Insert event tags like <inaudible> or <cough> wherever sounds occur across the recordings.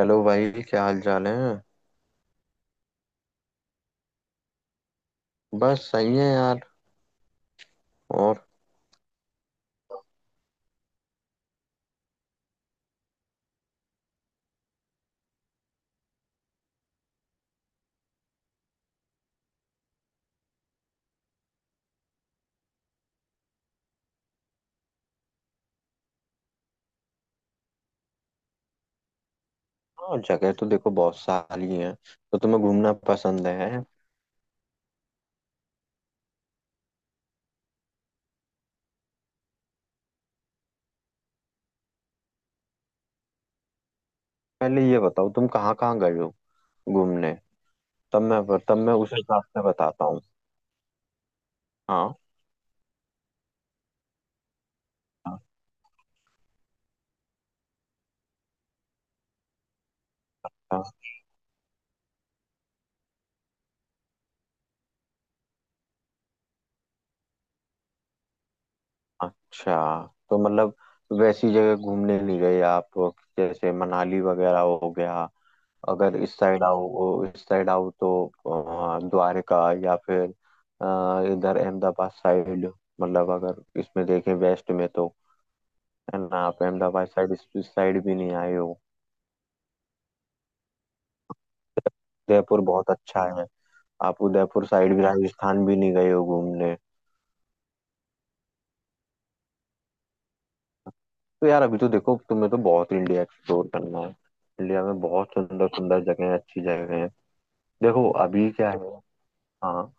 Hello भाई, क्या हाल चाल है? बस सही है यार। और? हाँ, जगह तो देखो बहुत सारी है। तो तुम्हें घूमना पसंद है? पहले ये बताओ तुम कहाँ कहाँ गए हो घूमने। तब मैं उस हिसाब से बताता हूँ। हाँ। हाँ। हाँ। अच्छा। तो मतलब वैसी जगह घूमने नहीं गए आप, जैसे मनाली वगैरह हो गया। अगर इस साइड आओ इस साइड आओ तो द्वारका, या फिर इधर अहमदाबाद साइड। मतलब अगर इसमें देखें वेस्ट में तो, है ना, आप अहमदाबाद साइड, इस साइड भी नहीं आए हो। उदयपुर बहुत अच्छा है। आप उदयपुर साइड भी, राजस्थान भी नहीं गए हो घूमने। तो यार अभी तो देखो, तुम्हें तो बहुत इंडिया एक्सप्लोर करना है। इंडिया में बहुत सुंदर सुंदर जगह है, अच्छी जगह है। देखो अभी क्या है। हाँ।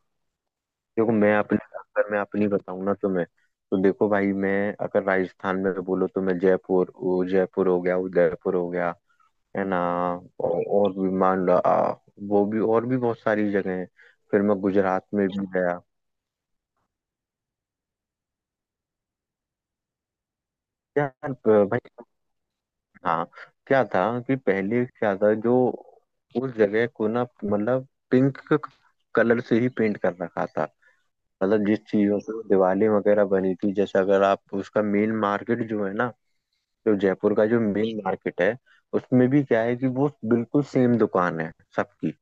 देखो मैं अपने अगर मैं अपनी बताऊँ ना तुम्हें, तो देखो भाई मैं, अगर राजस्थान में बोलो तो मैं, जयपुर हो गया, उदयपुर हो गया, है ना? और भी मान लो वो भी और भी बहुत सारी जगह हैं। फिर मैं गुजरात में भी गया। यार भाई। हाँ, क्या था, कि पहले क्या था जो, उस जगह को ना मतलब पिंक कलर से ही पेंट कर रखा था। मतलब जिस चीजों से वो दिवाली वगैरह बनी थी, जैसे अगर आप उसका मेन मार्केट जो है ना, जो जयपुर का जो मेन मार्केट है, उसमें भी क्या है कि वो बिल्कुल सेम दुकान है सबकी।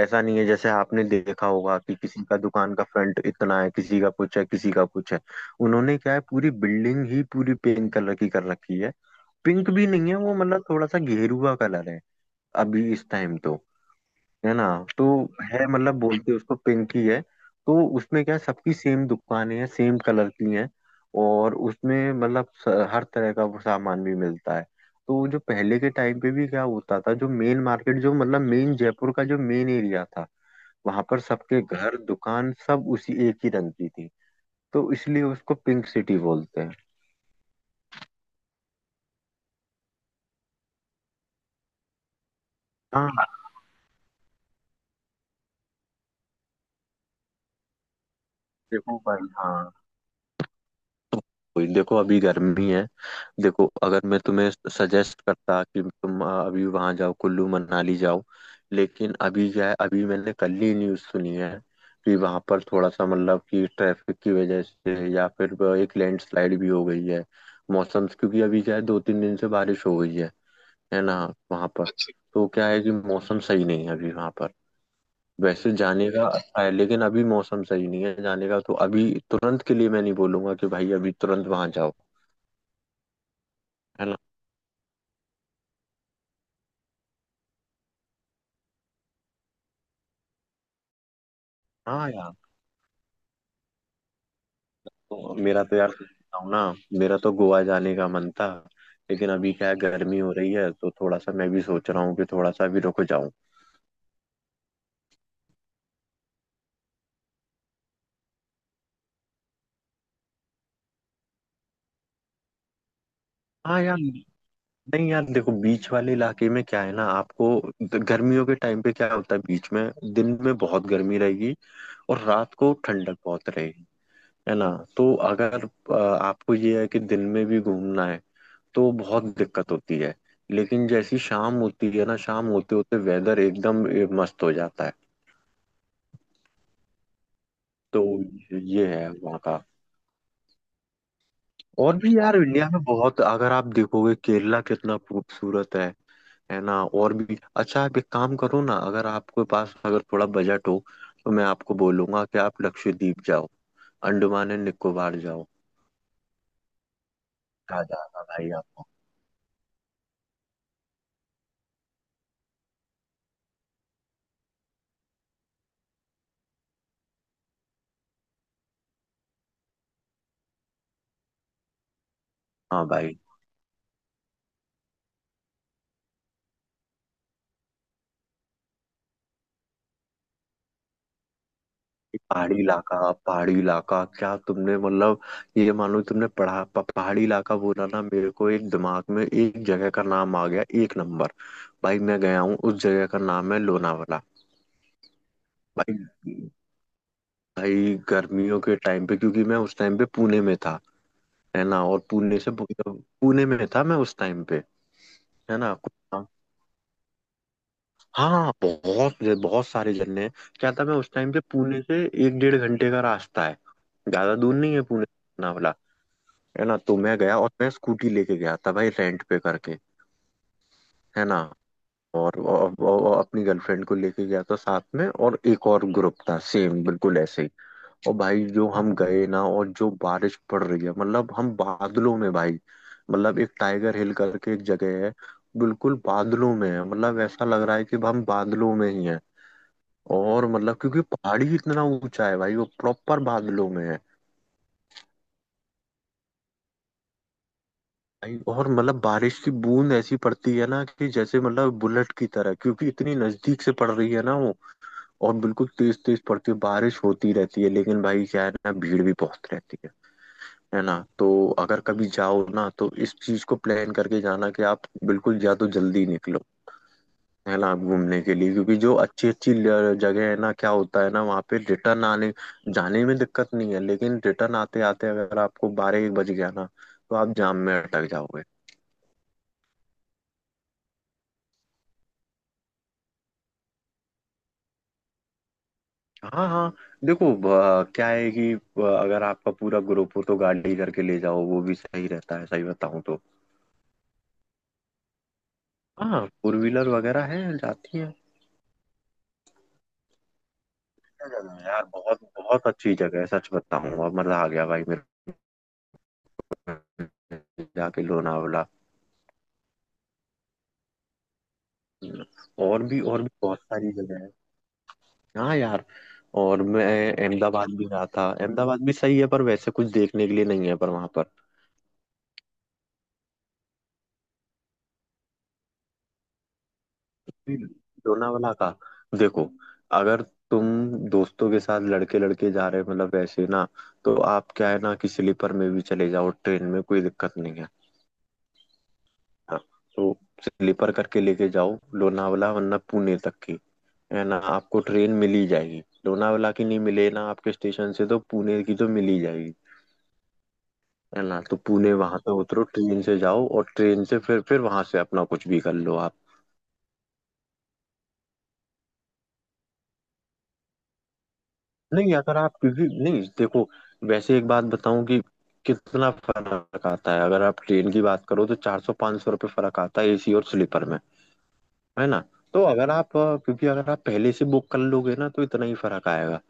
ऐसा नहीं है जैसे आपने देखा होगा कि किसी का दुकान का फ्रंट इतना है, किसी का कुछ है, किसी का कुछ है। उन्होंने क्या है, पूरी बिल्डिंग ही पूरी पिंक कलर की कर रखी है। पिंक भी नहीं है वो, मतलब थोड़ा सा गेरुआ कलर है अभी इस टाइम तो, है ना? तो है, मतलब बोलते उसको पिंक ही है। तो उसमें क्या है, सबकी सेम दुकानें हैं, सेम कलर की हैं। और उसमें मतलब हर तरह का वो सामान भी मिलता है। तो जो पहले के टाइम पे भी क्या होता था, जो मेन मार्केट जो मतलब मेन, जयपुर का जो मेन एरिया था, वहां पर सबके घर, दुकान, सब उसी एक ही रंग की थी। तो इसलिए उसको पिंक सिटी बोलते हैं। हाँ। देखो भाई। हाँ। वही, देखो अभी गर्मी है। देखो अगर मैं तुम्हें सजेस्ट करता कि तुम अभी वहां जाओ, कुल्लू मनाली जाओ, लेकिन अभी क्या है, अभी मैंने कल ही न्यूज़ सुनी है कि वहां पर थोड़ा सा मतलब कि ट्रैफिक की वजह से या फिर एक लैंडस्लाइड भी हो गई है। मौसम, क्योंकि अभी क्या है, 2-3 दिन से बारिश हो गई है ना, वहाँ पर। अच्छा तो क्या है कि मौसम सही नहीं है अभी वहाँ पर, वैसे जाने का अच्छा है, लेकिन अभी मौसम सही नहीं है जाने का, तो अभी तुरंत के लिए मैं नहीं बोलूंगा कि भाई अभी तुरंत वहां जाओ, है ना? हाँ यार। तो मेरा तो यार सच बताऊं ना, मेरा तो गोवा जाने का मन था, लेकिन अभी क्या है, गर्मी हो रही है, तो थोड़ा सा मैं भी सोच रहा हूँ कि थोड़ा सा अभी रुक जाऊं। हाँ यार। नहीं यार, देखो बीच वाले इलाके में क्या है ना आपको, गर्मियों के टाइम पे क्या होता है बीच में, दिन में बहुत गर्मी रहेगी और रात को ठंडक बहुत रहेगी, है ना? तो अगर आपको ये है कि दिन में भी घूमना है, तो बहुत दिक्कत होती है। लेकिन जैसी शाम होती है ना, शाम होते होते वेदर एकदम मस्त हो जाता है। तो ये है वहाँ का। और भी यार इंडिया में बहुत, अगर आप देखोगे केरला कितना खूबसूरत है ना? और भी अच्छा, आप एक काम करो ना, अगर आपके पास अगर थोड़ा बजट हो, तो मैं आपको बोलूंगा कि आप लक्षद्वीप जाओ, अंडमान एंड निकोबार जाओ। क्या जाएगा भाई आपको। हाँ भाई। पहाड़ी इलाका, पहाड़ी इलाका क्या तुमने मतलब, ये मानो तुमने पढ़ा पहाड़ी इलाका बोला ना, मेरे को एक दिमाग में एक जगह का नाम आ गया, एक नंबर। भाई मैं गया हूँ, उस जगह का नाम है लोनावाला, भाई। भाई गर्मियों के टाइम पे, क्योंकि मैं उस टाइम पे पुणे में था, है ना? और पुणे में था मैं उस टाइम पे, है ना? हाँ, बहुत बहुत सारे झरने हैं। क्या था, मैं उस टाइम पे, पुणे से 1-1.5 घंटे का रास्ता है, ज्यादा दूर नहीं है पुणे से लोनावला, है ना? तो मैं गया और मैं स्कूटी लेके गया था भाई, रेंट पे करके, है ना? और अपनी गर्लफ्रेंड को लेके गया था साथ में, और एक और ग्रुप था सेम बिल्कुल ऐसे ही। और भाई जो हम गए ना, और जो बारिश पड़ रही है, मतलब हम बादलों में भाई, मतलब एक टाइगर हिल करके एक जगह है, बिल्कुल बादलों में है, मतलब ऐसा लग रहा है कि हम बादलों में ही हैं। और मतलब क्योंकि पहाड़ी इतना ऊंचा है भाई, वो प्रॉपर बादलों में है। भाई और मतलब बारिश की बूंद ऐसी पड़ती है ना कि जैसे मतलब बुलेट की तरह, क्योंकि इतनी नजदीक से पड़ रही है ना वो। और बिल्कुल तेज तेज पड़ती है, बारिश होती रहती है, लेकिन भाई क्या है ना, भीड़ भी बहुत रहती है ना? तो अगर कभी जाओ ना, तो इस चीज को प्लान करके जाना कि आप बिल्कुल या तो जल्दी निकलो, है ना, घूमने के लिए, क्योंकि जो अच्छी अच्छी जगह है ना, क्या होता है ना, वहाँ पे रिटर्न आने जाने में दिक्कत नहीं है, लेकिन रिटर्न आते आते अगर आपको 12-1 बज गया ना, तो आप जाम में अटक जाओगे। हाँ हाँ। देखो क्या है कि अगर आपका पूरा ग्रुप हो तो गाड़ी करके ले जाओ, वो भी सही रहता है, सही बताऊँ तो। हाँ, फोर व्हीलर वगैरह है, जाती है। क्या जगह है यार, बहुत बहुत अच्छी जगह है, सच बताऊँ अब मजा आ गया भाई मेरे को जाके लोनावला। और भी बहुत सारी जगह है। हाँ यार। और मैं अहमदाबाद भी रहा था, अहमदाबाद भी सही है, पर वैसे कुछ देखने के लिए नहीं है, पर वहां पर, लोनावला का, देखो, अगर तुम दोस्तों के साथ लड़के लड़के जा रहे हो, मतलब वैसे ना, तो आप, क्या है ना, कि स्लीपर में भी चले जाओ, ट्रेन में कोई दिक्कत नहीं है, हाँ। तो स्लीपर करके लेके जाओ लोनावला, वरना पुणे तक की, है ना, आपको ट्रेन मिल ही जाएगी, लोनावला की नहीं मिले ना आपके स्टेशन से, तो पुणे की तो मिल ही जाएगी, है ना? तो पुणे वहां पे उतरो ट्रेन से, जाओ, और ट्रेन से फिर वहां से अपना कुछ भी कर लो आप। नहीं अगर आप, क्योंकि नहीं, देखो वैसे एक बात बताऊं कि कितना फर्क आता है, अगर आप ट्रेन की बात करो तो 400-500 रुपये फर्क आता है एसी और स्लीपर में, है ना? तो अगर आप क्योंकि अगर आप पहले से बुक कर लोगे ना, तो इतना ही फर्क आएगा,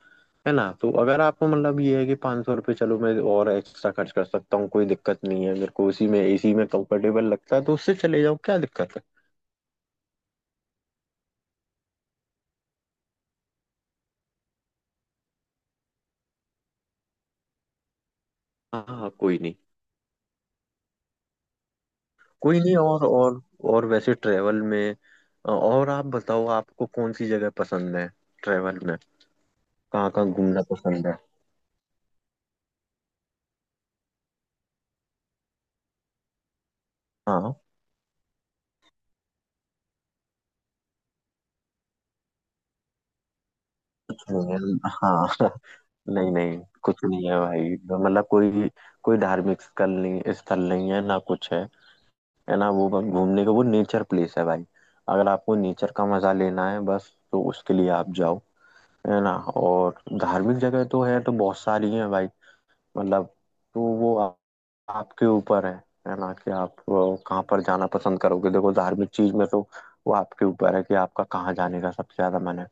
है ना? तो अगर आपको मतलब ये है कि 500 रुपये चलो मैं और एक्स्ट्रा खर्च कर सकता हूँ, कोई दिक्कत नहीं है मेरे को, उसी में, एसी में कंफर्टेबल लगता है तो उससे चले जाओ, क्या दिक्कत है। हाँ हाँ, कोई नहीं। कोई नहीं। और और वैसे ट्रेवल में, और आप बताओ आपको कौन सी जगह पसंद है, ट्रेवल में कहाँ कहाँ घूमना पसंद है। हाँ कुछ नहीं है हाँ <laughs> नहीं नहीं। कुछ नहीं है भाई, मतलब कोई कोई धार्मिक स्थल नहीं है ना कुछ है ना? वो बस घूमने का, वो नेचर प्लेस है भाई। अगर आपको नेचर का मजा लेना है, बस तो उसके लिए आप जाओ, है ना? और धार्मिक जगह तो है, तो बहुत सारी है भाई, मतलब, तो वो आपके ऊपर है ना, कि आप वो कहाँ पर जाना पसंद करोगे, देखो, धार्मिक चीज में तो, वो आपके ऊपर है कि आपका कहाँ जाने का सबसे ज्यादा मन है।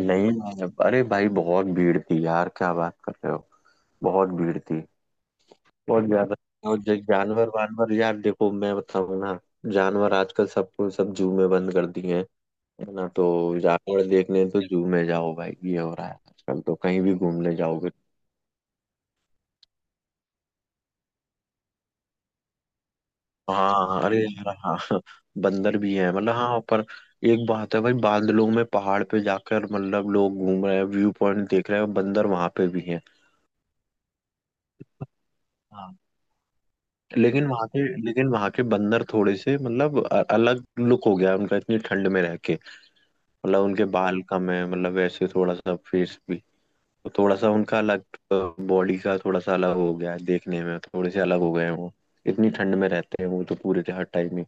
नहीं मैंने, अरे भाई बहुत भीड़ थी यार, क्या बात कर रहे हो, बहुत भीड़ थी, बहुत ज्यादा। और जो जानवर वानवर यार, देखो मैं बताऊँ ना, जानवर आजकल सबको, सब जू में बंद कर दिए हैं, है ना? तो जानवर देखने तो जू में जाओ भाई, ये हो रहा है आजकल, तो कहीं भी घूमने जाओगे। हाँ अरे यार हाँ। बंदर भी है मतलब, हाँ, पर एक बात है भाई, बादलों में पहाड़ पे जाकर मतलब लोग घूम रहे हैं व्यू पॉइंट देख रहे हैं, बंदर वहां पे भी है। हाँ। लेकिन वहां के बंदर थोड़े से मतलब अलग लुक हो गया है उनका, इतनी ठंड में रह के, मतलब उनके बाल कम है, मतलब वैसे थोड़ा सा फेस भी, तो थोड़ा सा उनका अलग, बॉडी का थोड़ा सा अलग हो गया है, देखने में थोड़े से अलग हो गए हैं वो, इतनी ठंड में रहते हैं वो तो पूरे हर टाइम।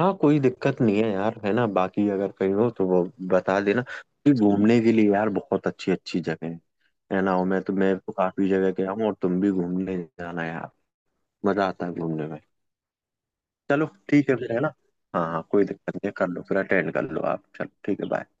हाँ कोई दिक्कत नहीं है यार, है ना? बाकी अगर कहीं हो तो वो बता देना, कि घूमने के लिए यार बहुत अच्छी अच्छी जगह है ना? और मैं तो काफी जगह गया हूँ, और तुम भी घूमने जाना यार, मजा आता है घूमने में। चलो ठीक है फिर, है ना? हाँ हाँ कोई दिक्कत नहीं है, कर लो फिर, अटेंड कर लो आप, चलो ठीक है bye।